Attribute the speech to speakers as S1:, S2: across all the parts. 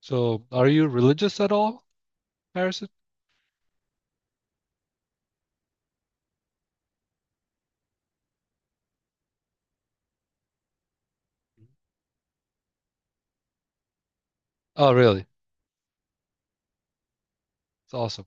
S1: So, are you religious at all, Harrison? Oh, really? It's awesome.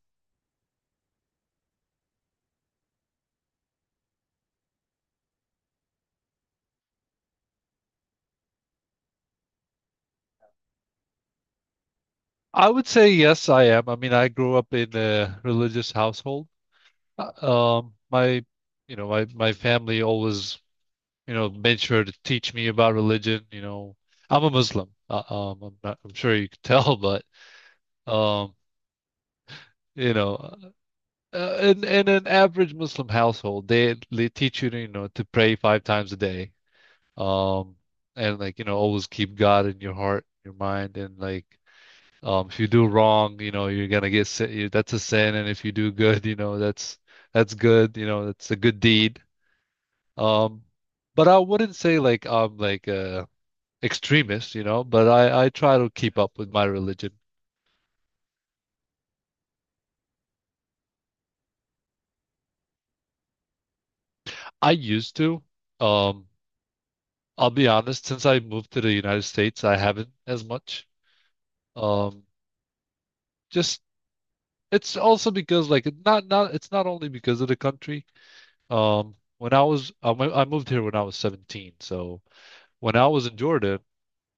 S1: I would say yes, I am. I mean, I grew up in a religious household. Uh, my, my family always, made sure to teach me about religion. I'm a Muslim. I'm not, I'm sure you could tell, but um, you know, in an average Muslim household, they teach you to, to pray 5 times a day. Um, and like, always keep God in your heart, your mind, and if you do wrong, you're gonna get sin. That's a sin, and if you do good, that's good. That's a good deed. Um, but I wouldn't say like I'm like a extremist, but I try to keep up with my religion. I used to. Um, I'll be honest, since I moved to the United States, I haven't as much. Um, just it's also because like it's not only because of the country. When I was I moved here when I was 17, so when I was in Jordan,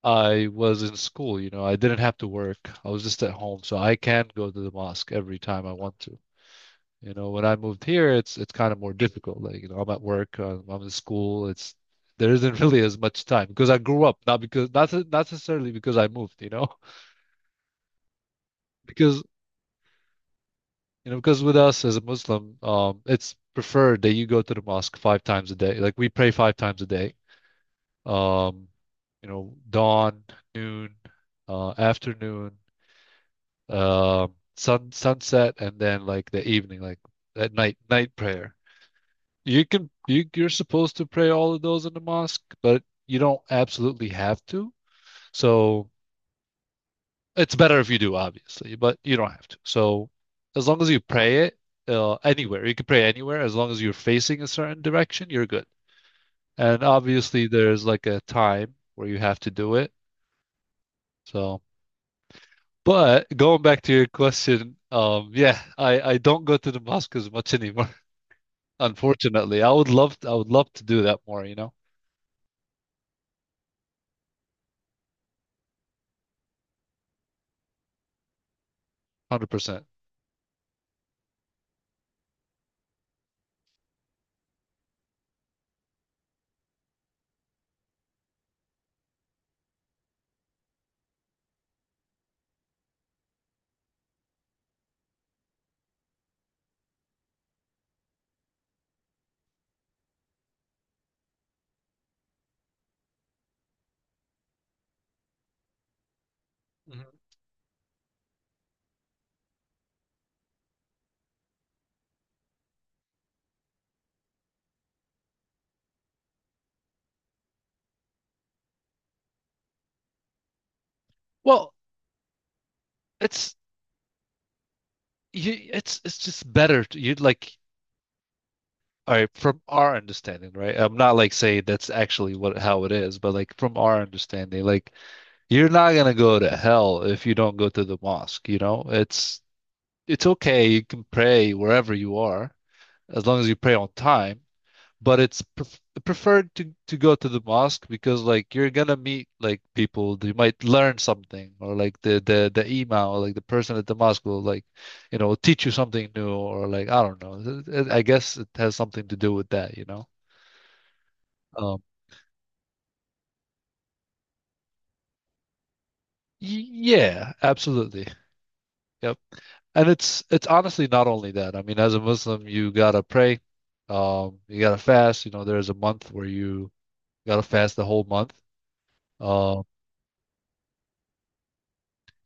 S1: I was in school, I didn't have to work. I was just at home, so I can go to the mosque every time I want to. You know, when I moved here, it's kind of more difficult. Like, you know, I'm at work, I'm in school. It's there isn't really as much time because I grew up, not because not not necessarily because I moved, you know, because with us as a Muslim, it's preferred that you go to the mosque 5 times a day. Like we pray 5 times a day. um, dawn, noon, afternoon, sunset, and then like the evening, like at night prayer. You can you're supposed to pray all of those in the mosque, but you don't absolutely have to. So it's better if you do, obviously, but you don't have to. So as long as you pray it anywhere, you can pray anywhere as long as you're facing a certain direction, you're good. And obviously, there's like a time where you have to do it. So. But going back to your question, yeah, I don't go to the mosque as much anymore, unfortunately. I would love to do that more, you know, 100%. Mhm. Well, it's it's just better to, you'd like all right from our understanding, right? I'm not like saying that's actually what how it is, but like from our understanding, like you're not gonna go to hell if you don't go to the mosque, you know? It's okay. You can pray wherever you are as long as you pray on time, but it's preferred to go to the mosque because like you're gonna meet like people, you might learn something, or like the imam or like the person at the mosque will like, you know, teach you something new, or like I don't know. I guess it has something to do with that, you know. um y- yeah, absolutely. Yep. And it's honestly not only that. I mean, as a Muslim, you gotta pray. You gotta fast, you know, there's a month where you gotta fast the whole month. um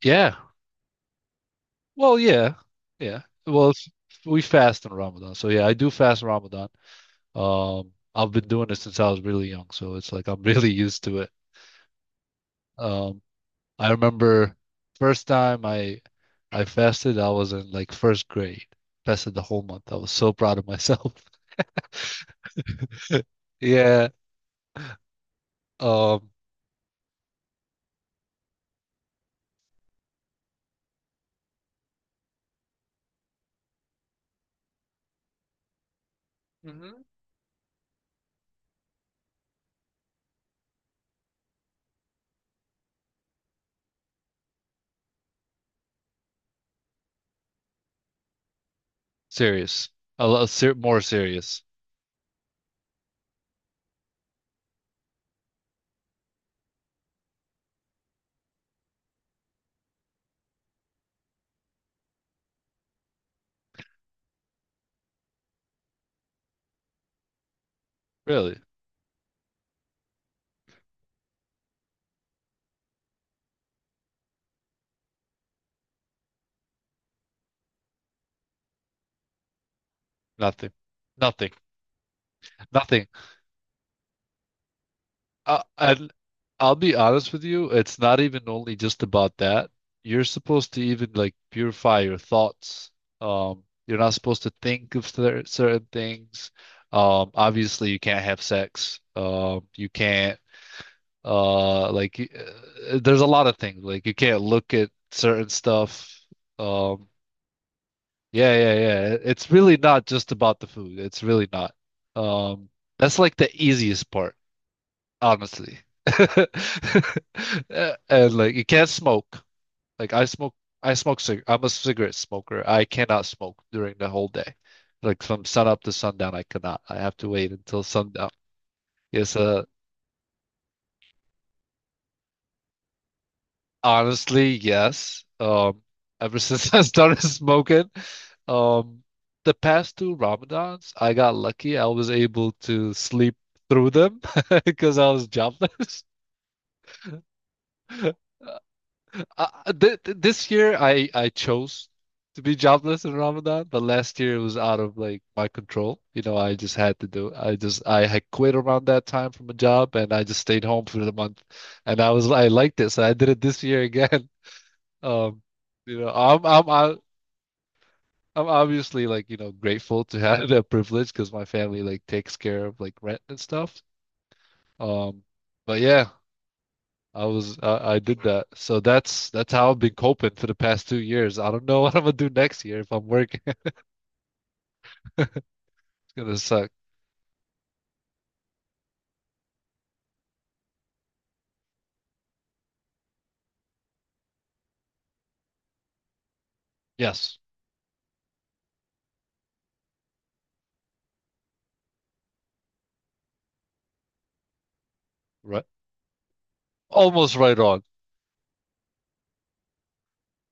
S1: yeah. Well, yeah, yeah. We fast in Ramadan, so yeah, I do fast in Ramadan. I've been doing it since I was really young, so it's like I'm really used to it. Um, I remember first time I fasted, I was in like first grade. Fasted the whole month. I was so proud of myself. Yeah. Um. Mhm. Serious. A lot ser more serious. Really. Nothing. Nothing. Nothing. And I'll be honest with you, it's not even only just about that. You're supposed to even like purify your thoughts. You're not supposed to think of certain things. Obviously you can't have sex. You can't like y- there's a lot of things like you can't look at certain stuff. Um, yeah, yeah, yeah. It's really not just about the food. It's really not. Um, that's like the easiest part honestly. And like you can't smoke. Like I smoke cig I'm a cigarette smoker. I cannot smoke during the whole day. Like from sun up to sundown, I cannot. I have to wait until sundown. Yes, uh honestly, yes. Ever since I started smoking, um the past two Ramadans, I got lucky. I was able to sleep through them because I was jobless. Th th this year I chose to be jobless in Ramadan, but last year it was out of like my control. You know, I just I had quit around that time from a job and I just stayed home for the month, and I was I liked it, so I did it this year again. Um, I'm I'm obviously like, you know, grateful to have that privilege because my family like takes care of like rent and stuff. Um, but yeah, I did that. So that's how I've been coping for the past 2 years. I don't know what I'm gonna do next year if I'm working. It's gonna suck. Yes. Right. Almost right on.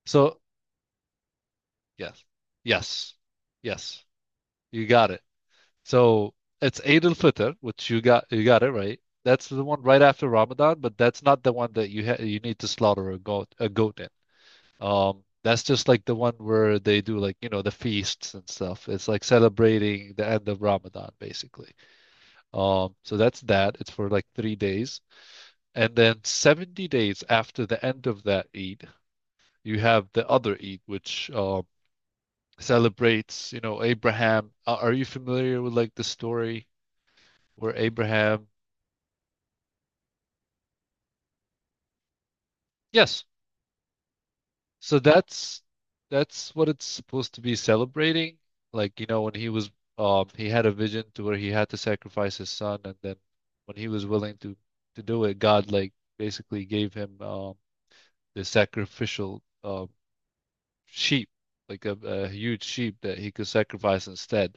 S1: So yes. Yes. Yes. You got it. So it's Eid al-Fitr, which you got it right. That's the one right after Ramadan, but that's not the one that you need to slaughter a goat in. That's just like the one where they do like, you know, the feasts and stuff. It's like celebrating the end of Ramadan, basically. So that's that. It's for like 3 days. And then 70 days after the end of that Eid, you have the other Eid, which celebrates, you know, Abraham. Are you familiar with like the story where Abraham? Yes. So that's what it's supposed to be celebrating. Like, you know, when he was he had a vision to where he had to sacrifice his son, and then when he was willing to do it, God like basically gave him the sacrificial sheep, like a huge sheep that he could sacrifice instead.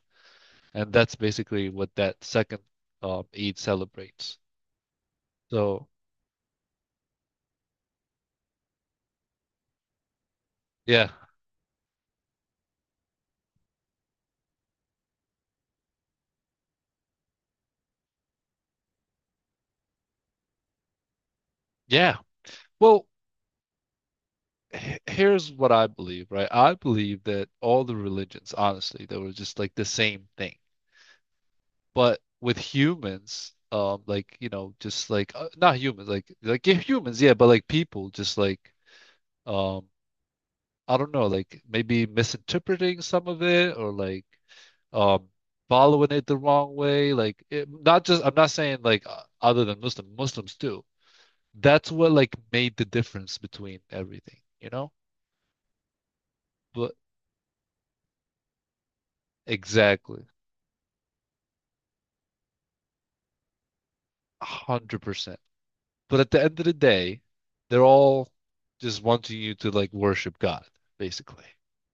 S1: And that's basically what that second Eid celebrates. So, yeah. Yeah. Well, here's what I believe, right? I believe that all the religions, honestly, they were just like the same thing. But with humans, like, you know, just like not humans, like yeah, humans, yeah, but like people just like um I don't know, like maybe misinterpreting some of it or like um following it the wrong way, like it, not just I'm not saying like other than Muslims too, that's what like made the difference between everything, you know. But exactly, 100%, but at the end of the day they're all just wanting you to like worship God, basically.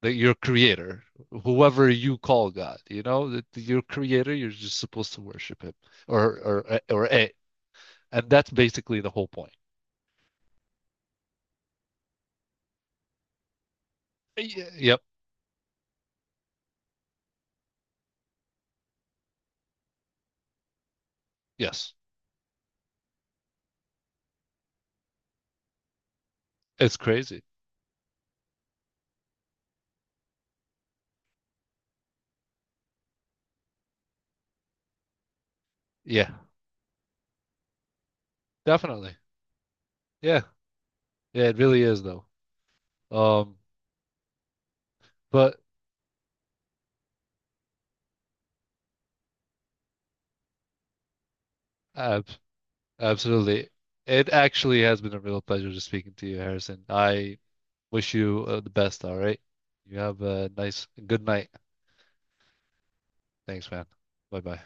S1: That your creator, whoever you call God, you know, that your creator, you're just supposed to worship him. or or or a, and that's basically the whole point. Yep. Yes. It's crazy. Yeah, definitely. Yeah. Yeah, it really is though. Um, but ab absolutely. It actually has been a real pleasure just speaking to you, Harrison. I wish you the best, all right? You have a nice, good night. Thanks, man. Bye-bye.